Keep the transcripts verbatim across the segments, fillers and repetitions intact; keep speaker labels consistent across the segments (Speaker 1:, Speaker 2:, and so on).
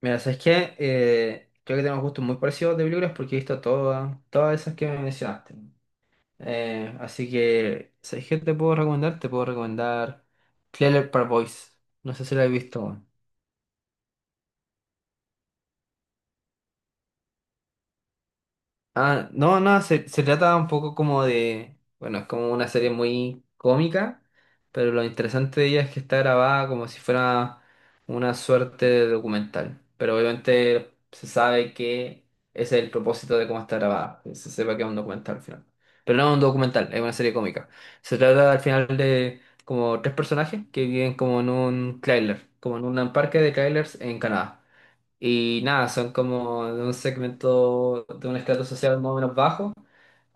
Speaker 1: Mira, ¿sabes qué? Eh, creo que tenemos gustos muy parecidos de películas porque he visto todas, todas esas que me mencionaste. Eh, así que, ¿sabes qué te puedo recomendar? Te puedo recomendar Trailer Park Boys. No sé si la he visto. Ah, no, no, se, se trata un poco como de, bueno, es como una serie muy cómica, pero lo interesante de ella es que está grabada como si fuera una suerte de documental. Pero obviamente se sabe que ese es el propósito de cómo está grabada, que se sepa que es un documental al final. Pero no es un documental, es una serie cómica. Se trata al final de como tres personajes que viven como en un trailer, como en un parque de trailers en Canadá. Y nada, son como de un segmento, de un estrato social más o menos bajo.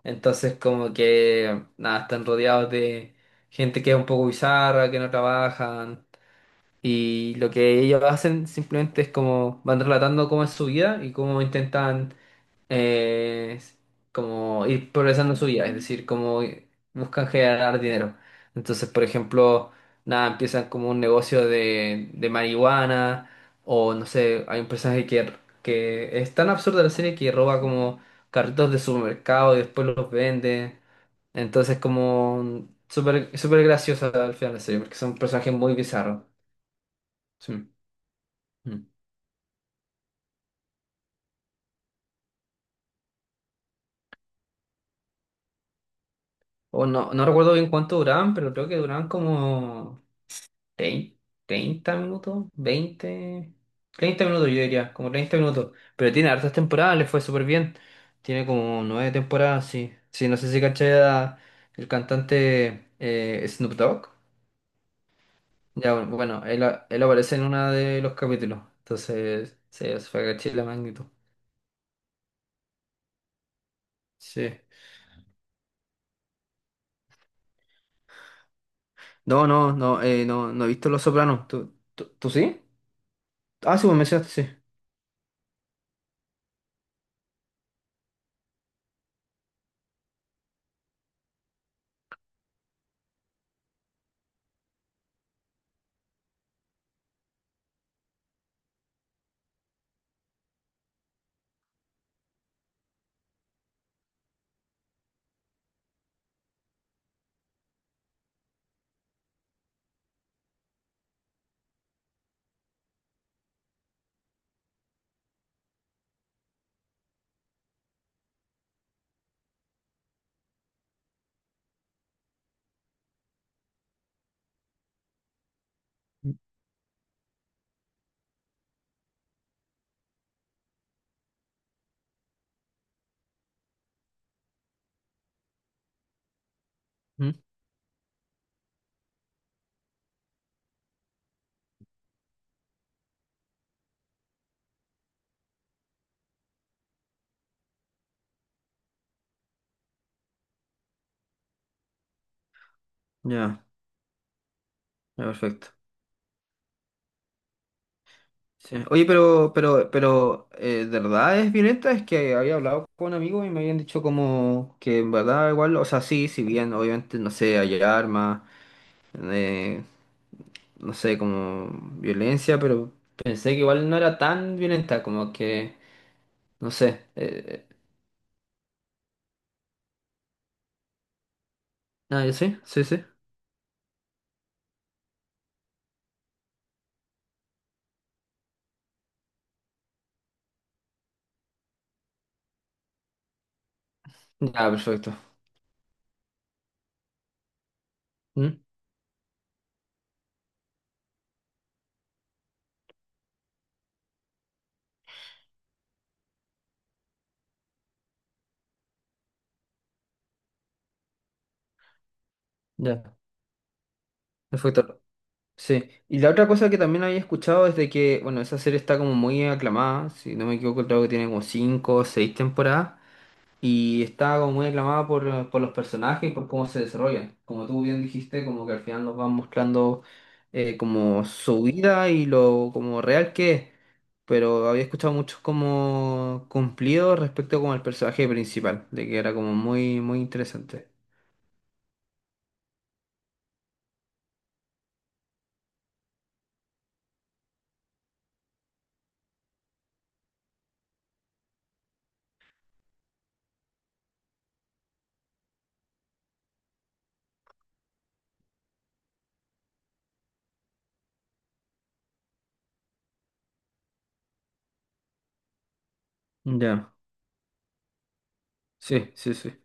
Speaker 1: Entonces como que nada, están rodeados de gente que es un poco bizarra, que no trabajan. Y lo que ellos hacen simplemente es como van relatando cómo es su vida y cómo intentan eh, como ir progresando en su vida, es decir, como buscan generar dinero. Entonces, por ejemplo, nada, empiezan como un negocio de, de marihuana o no sé, hay un personaje que, que es tan absurda la serie que roba como carritos de supermercado y después los vende. Entonces, como súper súper graciosa al final la serie, porque son personajes muy bizarros. Sí. Mm. O no, no recuerdo bien cuánto duraban, pero creo que duraban como Trein- treinta minutos, veinte treinta minutos yo diría, como treinta minutos. Pero tiene hartas temporadas, le fue súper bien. Tiene como nueve temporadas, sí. Sí, no sé si caché a el cantante eh, Snoop Dogg. Ya, bueno, él, él aparece en uno de los capítulos. Entonces, sí, eso fue caché la magnitud. Sí. No, no, no, eh, no, no he visto Los Sopranos. ¿Tú, tú, tú sí? Ah, sí, me mencionaste, sí. Mm. Ya, ya, perfecto. Sí. Oye, pero, pero, pero, eh, ¿de verdad es violenta? Es que había hablado con amigos y me habían dicho como que en verdad igual, o sea, sí, si bien obviamente, no sé, hay armas, eh, no sé, como violencia, pero pensé que igual no era tan violenta, como que, no sé. Eh, ah, ¿ya sí? Sí, sí. Ya, perfecto. ¿Mm? Ya, perfecto. Sí. Y la otra cosa que también había escuchado es de que, bueno, esa serie está como muy aclamada, si no me equivoco, creo que tiene como cinco o seis temporadas. Y está como muy aclamada por, por los personajes y por cómo se desarrollan. Como tú bien dijiste, como que al final nos van mostrando eh, como su vida y lo como real que es. Pero había escuchado muchos como cumplidos respecto como al personaje principal, de que era como muy, muy interesante. Ya, sí, sí, sí.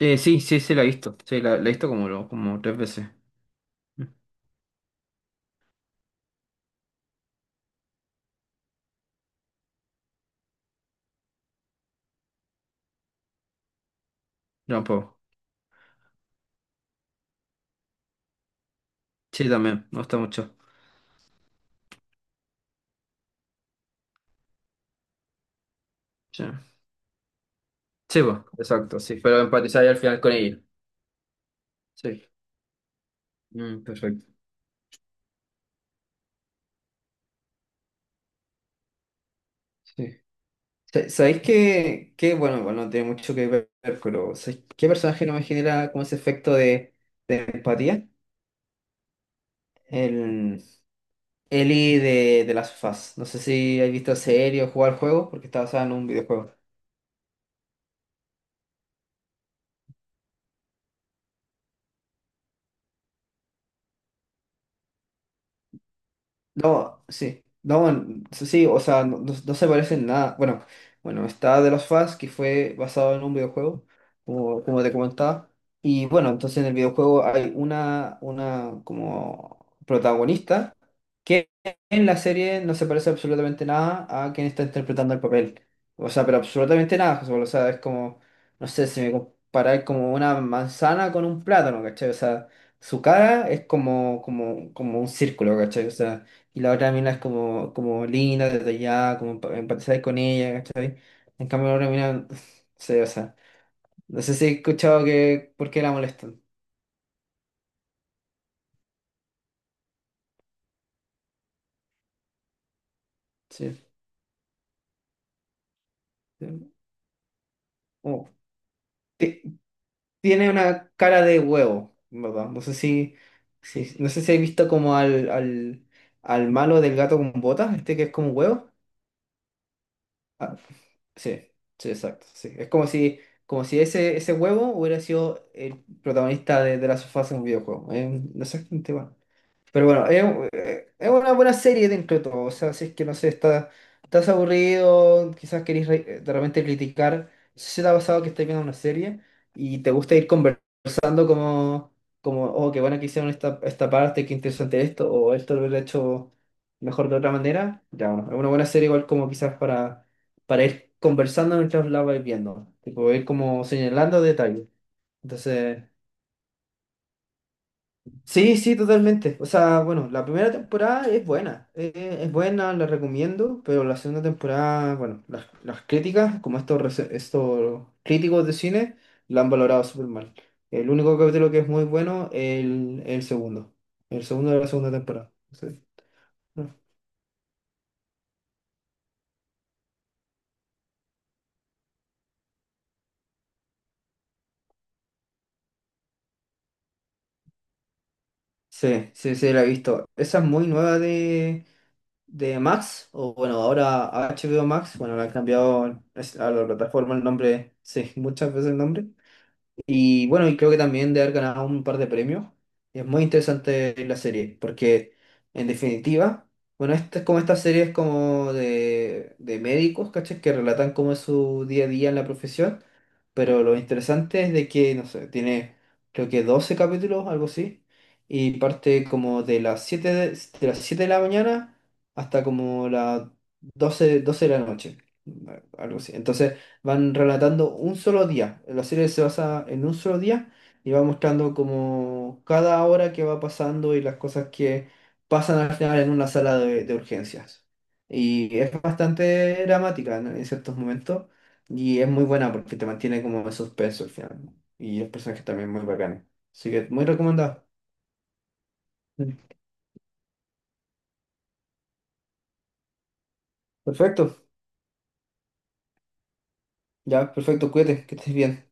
Speaker 1: Eh, sí, sí, sí, la he visto. Sí, la, la he visto como, lo- como tres veces. Mm. Yo un poco. Sí, también, me gusta mucho. Sí, sí, pues, exacto, sí. Pero empatizáis al final con ella. Sí. Mm, perfecto. Sí. Sa- ¿Sabéis qué, qué, bueno, bueno no tiene mucho que ver, pero ¿sabéis qué personaje no me genera como ese efecto de empatía? El Eli de, de Last of Us. No sé si has visto la serie o jugado al juego, porque está basada en un videojuego. No, sí. No, n- sí, o sea, no, no- no se parece en nada. Bueno, bueno, está de los Us, que fue basado en un videojuego, como, como te comentaba. Y bueno, entonces en el videojuego hay una, una como protagonista que en la serie no se parece absolutamente nada a quien está interpretando el papel. O sea, pero absolutamente nada, José Pablo. O sea, es como, no sé, si me comparáis como una manzana con un plátano, ¿cachai? O sea, su cara es como, como, como un círculo, ¿cachai? O sea y la otra mina es como, como linda desde como pa- empatizar con ella, ¿cachai? En cambio la otra mina, sí, o sea, no sé si he escuchado que por qué la molestan, sí. Sí. Como, ti- tiene una cara de huevo, ¿en verdad? No sé si, si- no sé si has visto como al, al, al, malo del gato con botas, este que es como un huevo. Ah, sí, sí, exacto, sí. Es como si, como si ese, ese huevo hubiera sido el protagonista de, de la sofá en un videojuego. Es exactamente igual. Pero bueno, es, un- eh, es una buena serie dentro de todo. O sea, si es que no sé, está, estás aburrido, quizás querés re- eh, de repente criticar. Si te ha pasado que estás viendo una serie y te gusta ir conversando como, como oh, qué bueno que hicieron esta, esta parte, qué interesante esto, o esto lo hubiera hecho mejor de otra manera. Ya, bueno, es una buena serie igual como quizás para, para ir conversando mientras la vais viendo. Tipo, ir como señalando detalles. Entonces. Sí, sí, totalmente. O sea, bueno, la primera temporada es buena, eh, es buena, la recomiendo, pero la segunda temporada, bueno, las, las críticas, como estos, rece- estos críticos de cine, la han valorado súper mal. El único capítulo que es muy bueno es el, el segundo, el segundo de la segunda temporada. Sí, no. Sí, sí, sí, la he visto. Esa es muy nueva de, de Max, o bueno, ahora H B O Max, bueno, le han cambiado es- a la plataforma el nombre, sí, muchas veces el nombre. Y bueno, y creo que también de haber ganado un par de premios. Es muy interesante la serie, porque en definitiva, bueno, esta es como estas series como de, de médicos, ¿cachai? Que relatan cómo es su día a día en la profesión. Pero lo interesante es de que, no sé, tiene creo que doce capítulos, algo así, y parte como de las siete de, de las siete de la mañana hasta como las doce doce de la noche, algo así. Entonces van relatando un solo día, la serie se basa en un solo día y va mostrando como cada hora que va pasando y las cosas que pasan al final en una sala de, de urgencias. Y es bastante dramática, ¿no?, en ciertos momentos. Y es muy buena porque te mantiene como en suspenso al final. Y el personaje también es muy bacán. Así que muy recomendado. Mm. Perfecto. Ya, perfecto. Cuídate, que estés bien.